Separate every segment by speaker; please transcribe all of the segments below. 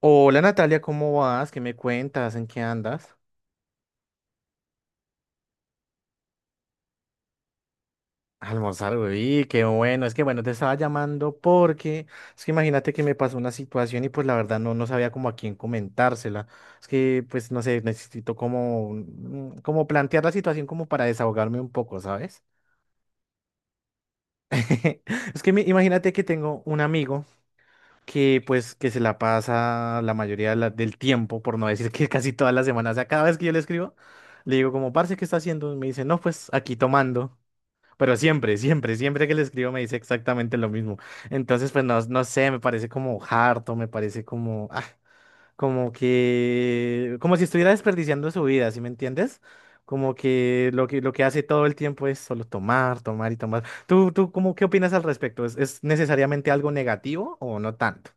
Speaker 1: Hola Natalia, ¿cómo vas? ¿Qué me cuentas? ¿En qué andas? Almorzar, güey, qué bueno. Es que bueno, te estaba llamando porque es que imagínate que me pasó una situación y pues la verdad no sabía como a quién comentársela. Es que pues no sé, necesito como, como plantear la situación como para desahogarme un poco, ¿sabes? Es que imagínate que tengo un amigo que pues que se la pasa la mayoría de del tiempo, por no decir que casi todas las semanas, o sea, cada vez que yo le escribo, le digo como, parce, ¿qué está haciendo? Y me dice, no, pues aquí tomando. Pero siempre, siempre, siempre que le escribo me dice exactamente lo mismo. Entonces, pues no, no sé, me parece como harto, me parece como, como que, como si estuviera desperdiciando su vida, ¿sí me entiendes? Como que lo que hace todo el tiempo es solo tomar, tomar y tomar. ¿Tú, cómo, qué opinas al respecto? ¿Es necesariamente algo negativo o no tanto?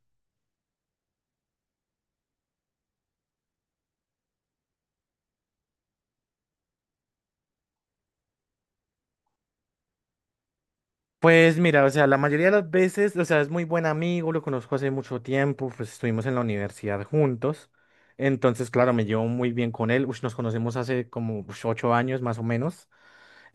Speaker 1: Pues mira, o sea, la mayoría de las veces, o sea, es muy buen amigo, lo conozco hace mucho tiempo, pues estuvimos en la universidad juntos, entonces, claro, me llevo muy bien con él, ush, nos conocemos hace como ush, 8 años más o menos.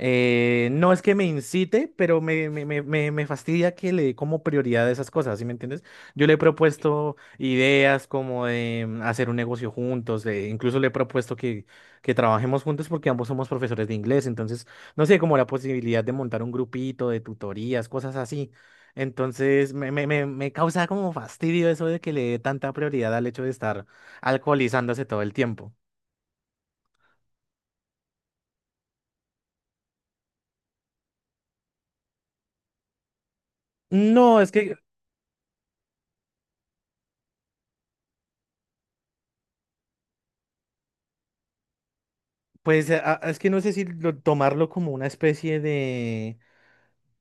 Speaker 1: No es que me incite, pero me fastidia que le dé como prioridad a esas cosas, ¿sí me entiendes? Yo le he propuesto ideas como de hacer un negocio juntos, incluso le he propuesto que trabajemos juntos porque ambos somos profesores de inglés, entonces, no sé, como la posibilidad de montar un grupito de tutorías, cosas así. Entonces, me causa como fastidio eso de que le dé tanta prioridad al hecho de estar alcoholizándose todo el tiempo. No, es que pues es que no sé si tomarlo como una especie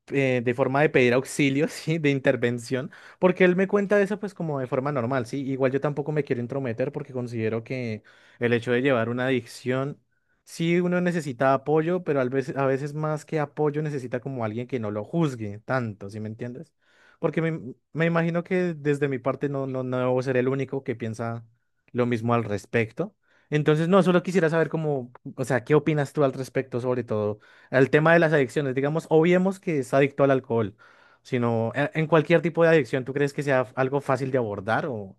Speaker 1: de forma de pedir auxilio, ¿sí? De intervención, porque él me cuenta eso pues como de forma normal, ¿sí? Igual yo tampoco me quiero intrometer porque considero que el hecho de llevar una adicción, sí uno necesita apoyo, pero a veces más que apoyo necesita como alguien que no lo juzgue tanto, ¿sí me entiendes? Porque me imagino que desde mi parte no debo ser el único que piensa lo mismo al respecto. Entonces, no, solo quisiera saber cómo, o sea, ¿qué opinas tú al respecto, sobre todo? Al tema de las adicciones, digamos, obviemos que es adicto al alcohol, sino en cualquier tipo de adicción, ¿tú crees que sea algo fácil de abordar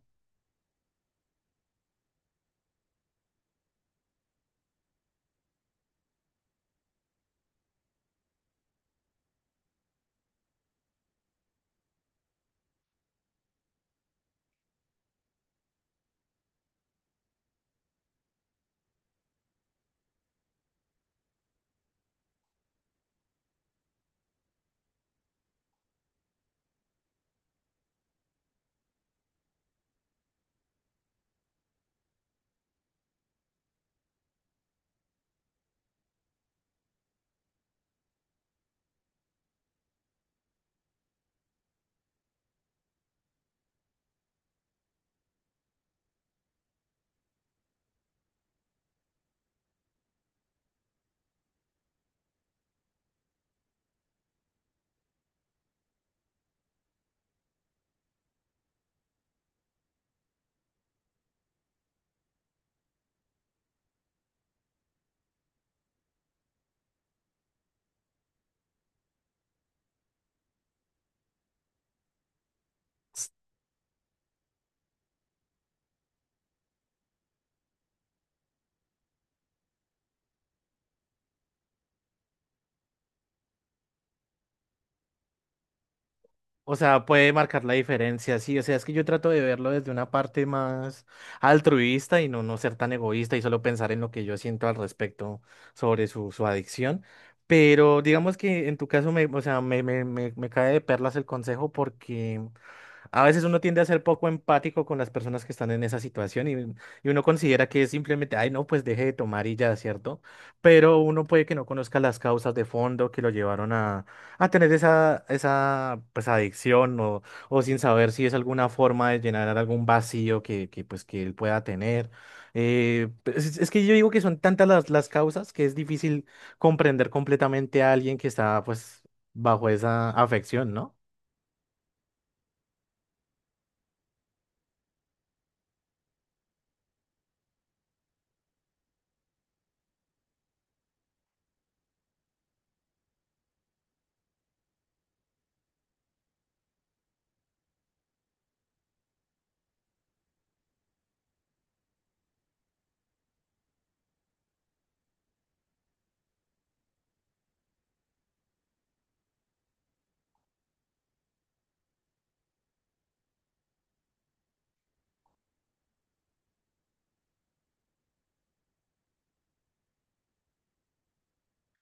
Speaker 1: o sea, puede marcar la diferencia? Sí, o sea, es que yo trato de verlo desde una parte más altruista y no ser tan egoísta y solo pensar en lo que yo siento al respecto sobre su adicción. Pero digamos que en tu caso o sea, me cae de perlas el consejo porque a veces uno tiende a ser poco empático con las personas que están en esa situación y uno considera que es simplemente, ay, no, pues deje de tomar y ya, ¿cierto? Pero uno puede que no conozca las causas de fondo que lo llevaron a tener esa pues, adicción o sin saber si es alguna forma de llenar algún vacío pues, que él pueda tener. Es que yo digo que son tantas las causas que es difícil comprender completamente a alguien que está pues bajo esa afección, ¿no?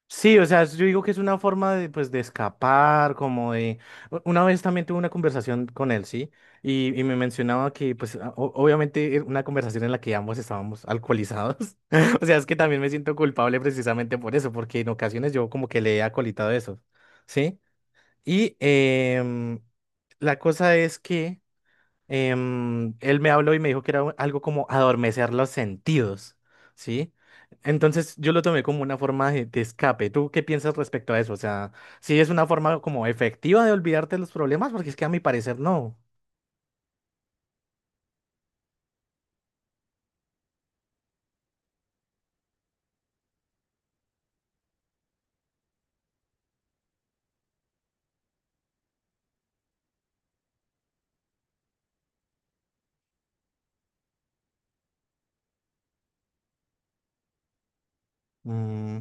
Speaker 1: Sí, o sea, yo digo que es una forma de, pues, de escapar, como de... Una vez también tuve una conversación con él, ¿sí? Y me mencionaba que, pues, obviamente era una conversación en la que ambos estábamos alcoholizados. O sea, es que también me siento culpable precisamente por eso, porque en ocasiones yo como que le he acolitado eso, ¿sí? Y la cosa es que él me habló y me dijo que era algo como adormecer los sentidos, ¿sí? Entonces yo lo tomé como una forma de escape. ¿Tú qué piensas respecto a eso? O sea, ¿si es una forma como efectiva de olvidarte de los problemas? Porque es que a mi parecer no. Mm.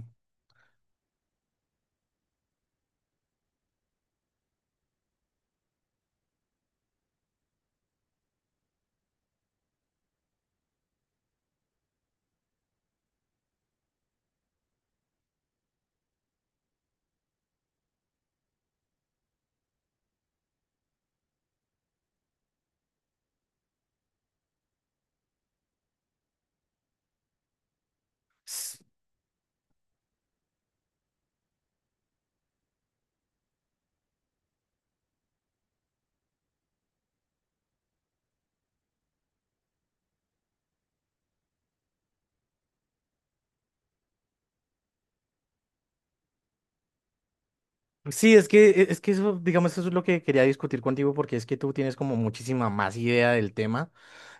Speaker 1: Sí, es que, es que eso, digamos, eso es lo que quería discutir contigo porque es que tú tienes como muchísima más idea del tema.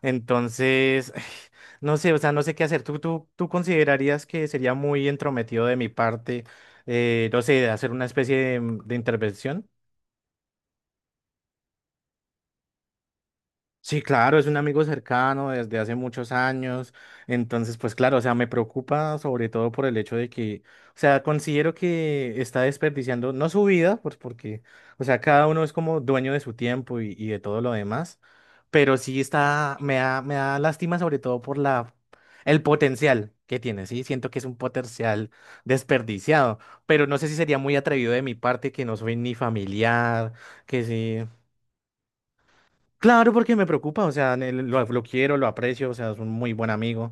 Speaker 1: Entonces, no sé, o sea, no sé qué hacer. ¿Tú considerarías que sería muy entrometido de mi parte, no sé, hacer una especie de intervención? Sí, claro, es un amigo cercano desde hace muchos años. Entonces, pues claro, o sea, me preocupa sobre todo por el hecho de que, o sea, considero que está desperdiciando, no su vida, pues porque, o sea, cada uno es como dueño de su tiempo y de todo lo demás, pero sí está, me da lástima sobre todo por el potencial que tiene, sí, siento que es un potencial desperdiciado, pero no sé si sería muy atrevido de mi parte que no soy ni familiar, que sí. Claro, porque me preocupa, o sea, lo quiero, lo aprecio, o sea, es un muy buen amigo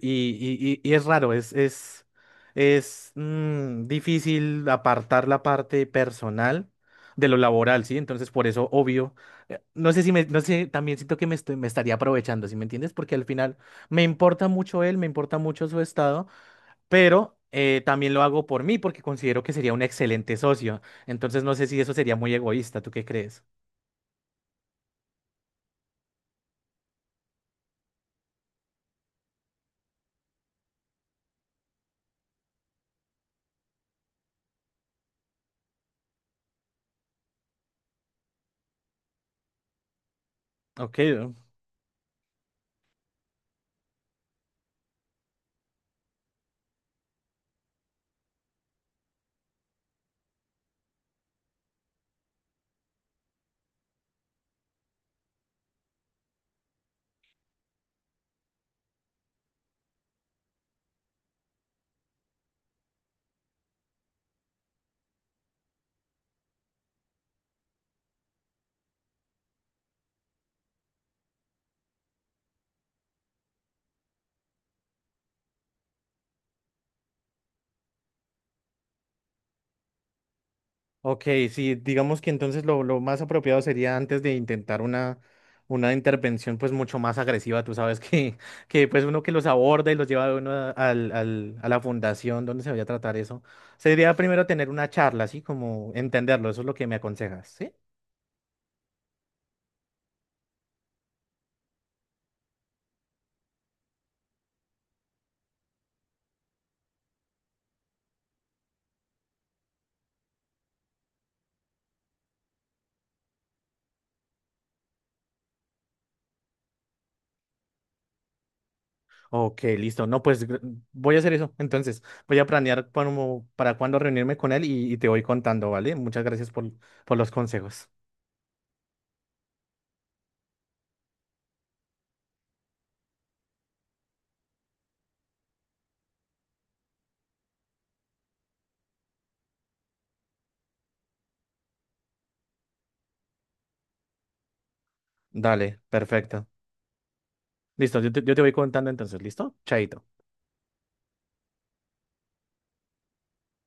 Speaker 1: y, y es raro, es mm, difícil apartar la parte personal de lo laboral, ¿sí? Entonces, por eso, obvio, no sé si no sé, también siento que me estaría aprovechando, ¿sí me entiendes? Porque al final me importa mucho él, me importa mucho su estado, pero también lo hago por mí porque considero que sería un excelente socio. Entonces, no sé si eso sería muy egoísta, ¿tú qué crees? Ok. Ok, sí, digamos que entonces lo más apropiado sería antes de intentar una intervención pues mucho más agresiva, tú sabes que pues uno que los aborda y los lleva de uno a, a la fundación donde se vaya a tratar eso, sería primero tener una charla, así como entenderlo, eso es lo que me aconsejas, ¿sí? Ok, listo, no, pues voy a hacer eso, entonces voy a planear como para cuándo reunirme con él y te voy contando, ¿vale? Muchas gracias por los consejos. Dale, perfecto. Listo, yo te voy contando entonces, ¿listo? Chaito.